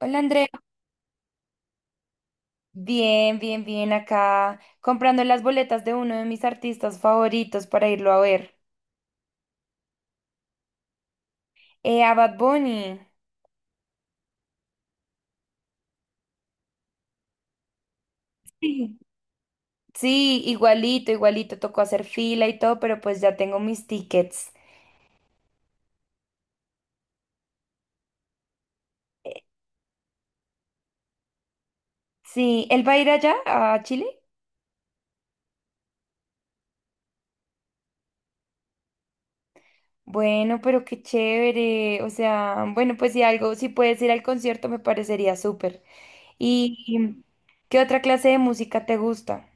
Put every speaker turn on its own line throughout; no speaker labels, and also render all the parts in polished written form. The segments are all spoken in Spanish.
Hola Andrea, bien, bien, bien acá, comprando las boletas de uno de mis artistas favoritos para irlo a ver. A Bad Bunny. Sí, sí, igualito, igualito, tocó hacer fila y todo, pero pues ya tengo mis tickets. Eh, Sí, ¿él va a ir allá, a Chile? Bueno, pero qué chévere, o sea, bueno, pues si algo, si puedes ir al concierto me parecería súper. ¿Y qué otra clase de música te gusta?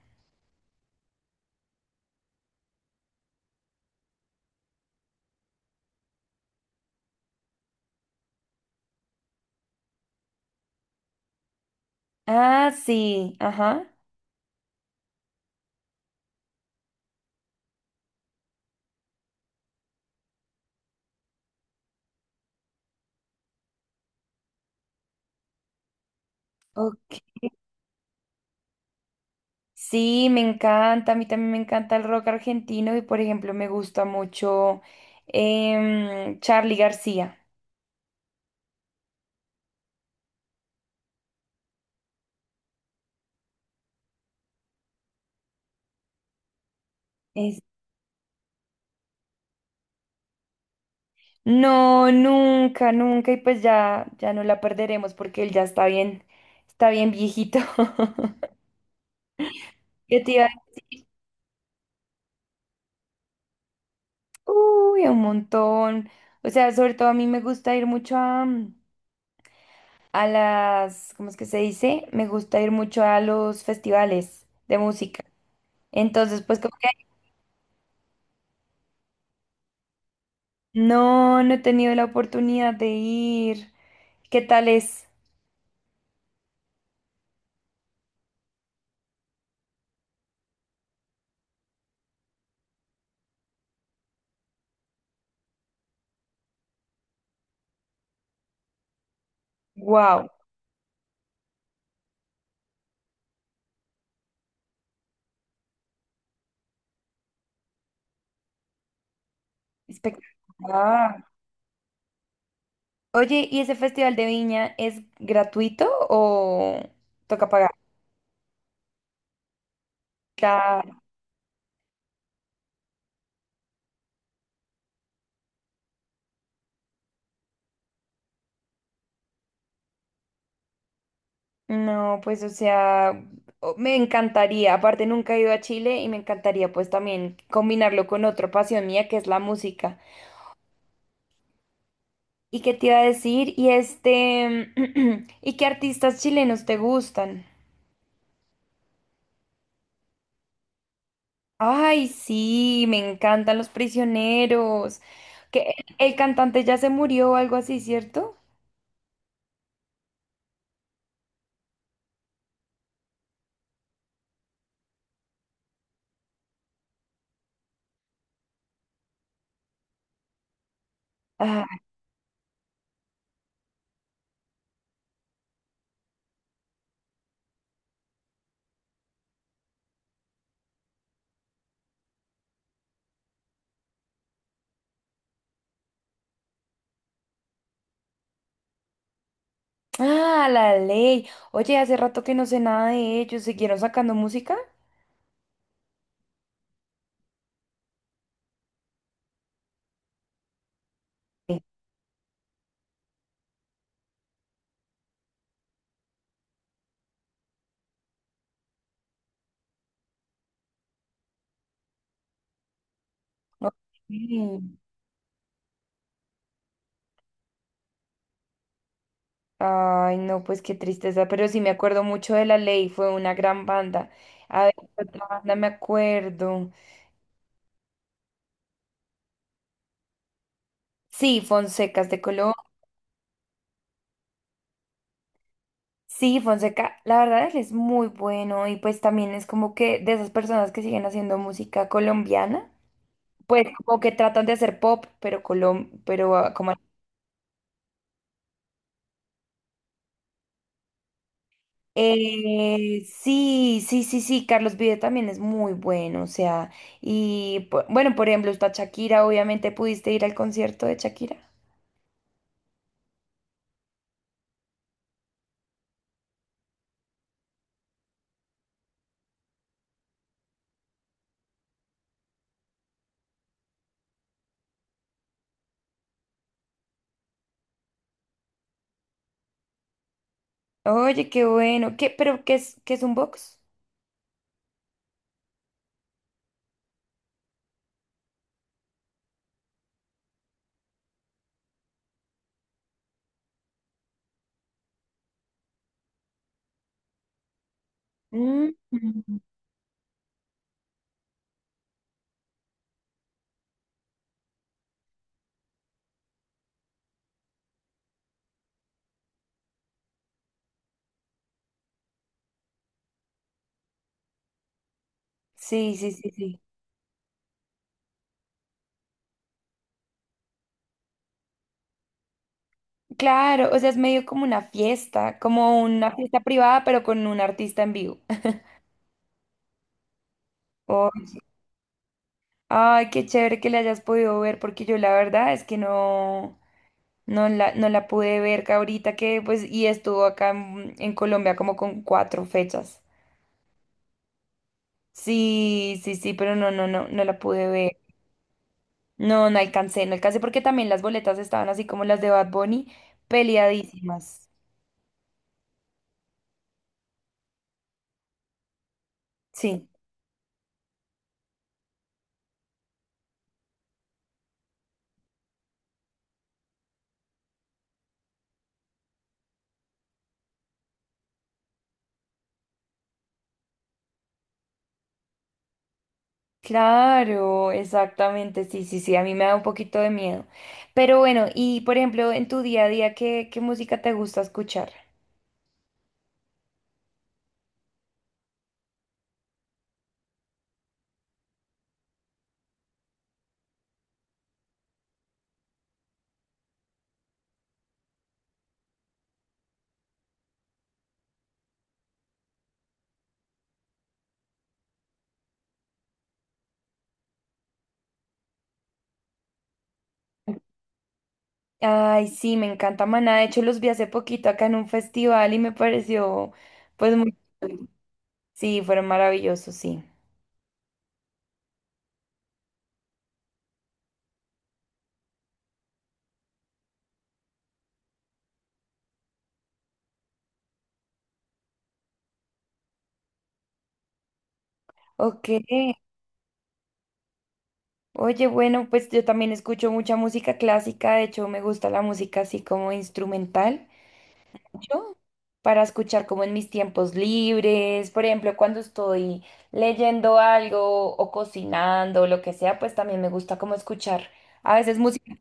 Ah, sí, ajá. Ok. Sí, me encanta, a mí también me encanta el rock argentino y por ejemplo me gusta mucho Charly García. Es- No, nunca, nunca y pues ya, ya no la perderemos porque él ya está bien viejito. Yo te iba a decir, uy, un montón. O sea, sobre todo a mí me gusta ir mucho a, a las, ¿cómo es que se dice? Me gusta ir mucho a los festivales de música. Entonces, pues como no, no he tenido la oportunidad de ir. ¿Qué tal es? Wow, espectacular. Oye, ¿y ese festival de Viña es gratuito o toca pagar? Claro. No, pues o sea, o- me encantaría. Aparte, nunca he ido a Chile y me encantaría pues también combinarlo con otra pasión mía que es la música. ¿Y qué te iba a decir? Y este, ¿y qué artistas chilenos te gustan? Ay, sí, me encantan los prisioneros. Que el cantante ya se murió o algo así, ¿cierto? Ah, ah, la ley. Oye, hace rato que no sé nada de ellos. ¿Siguieron sacando música? Sí. Ok. Ay, no, pues qué tristeza, pero sí me acuerdo mucho de La Ley, fue una gran banda. A ver, ¿qué otra banda me acuerdo. Sí, Fonsecas de Colombia. Sí, Fonseca, la verdad él es muy bueno y pues también es como que de esas personas que siguen haciendo música colombiana, pues como que tratan de hacer pop, pero colom, pero ah, como sí, sí, sí, sí, Carlos Vive también es muy bueno, o sea, y po- bueno, por ejemplo, está Shakira, obviamente pudiste ir al concierto de Shakira. Oye, qué bueno, ¿qué, pero qué es un box? Mm. Sí, sí, sí, sí. Claro, o sea, es medio como una fiesta privada, pero con un artista en vivo. Oh, ay, qué chévere que la hayas podido ver, porque yo la verdad es que no, no la, no la pude ver que ahorita que, pues, y estuvo acá en Colombia como con cuatro fechas. Sí, sí, sí, pero no, no, no, no la pude ver. No, no alcancé, no alcancé porque también las boletas estaban así como las de Bad Bunny, peleadísimas. Sí. Claro, exactamente, sí, sí, sí, a mí me da un poquito de miedo. Pero bueno, y por ejemplo, en tu día a día, ¿qué, qué música te gusta escuchar? Ay, sí, me encanta Maná. De hecho, los vi hace poquito acá en un festival y me pareció, pues, muy... Sí, fueron maravillosos, sí. Ok. Oye, bueno, pues yo también escucho mucha música clásica. De hecho, me gusta la música así como instrumental, mucho para escuchar como en mis tiempos libres, por ejemplo, cuando estoy leyendo algo o cocinando o lo que sea, pues también me gusta como escuchar a veces música.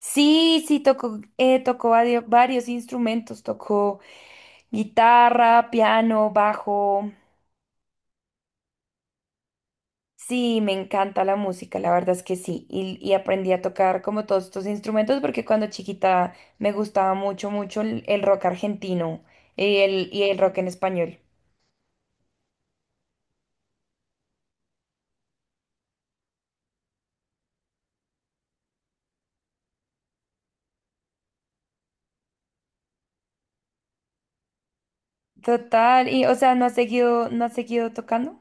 Sí, sí, toco, toco vario- varios instrumentos, toco guitarra, piano, bajo. Sí, me encanta la música, la verdad es que sí. Y aprendí a tocar como todos estos instrumentos porque cuando chiquita me gustaba mucho, mucho el rock argentino y el rock en español. Total, y o sea, no has seguido, no has seguido tocando.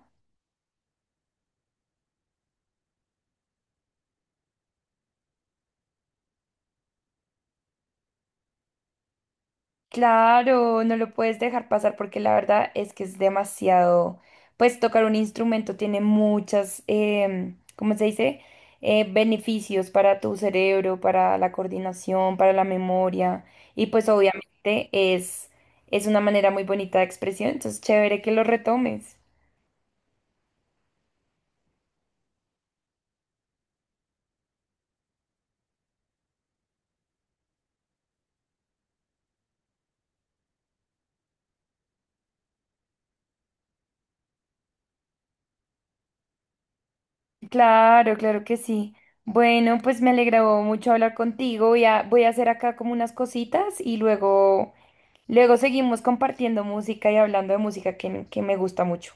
Claro, no lo puedes dejar pasar porque la verdad es que es demasiado, pues tocar un instrumento tiene muchas, ¿cómo se dice? Beneficios para tu cerebro, para la coordinación, para la memoria y pues obviamente es una manera muy bonita de expresión, entonces chévere que lo retomes. Claro, claro que sí. Bueno, pues me alegró mucho hablar contigo. Voy a, voy a hacer acá como unas cositas y luego, luego seguimos compartiendo música y hablando de música que me gusta mucho.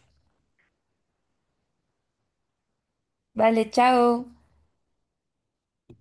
Vale, chao.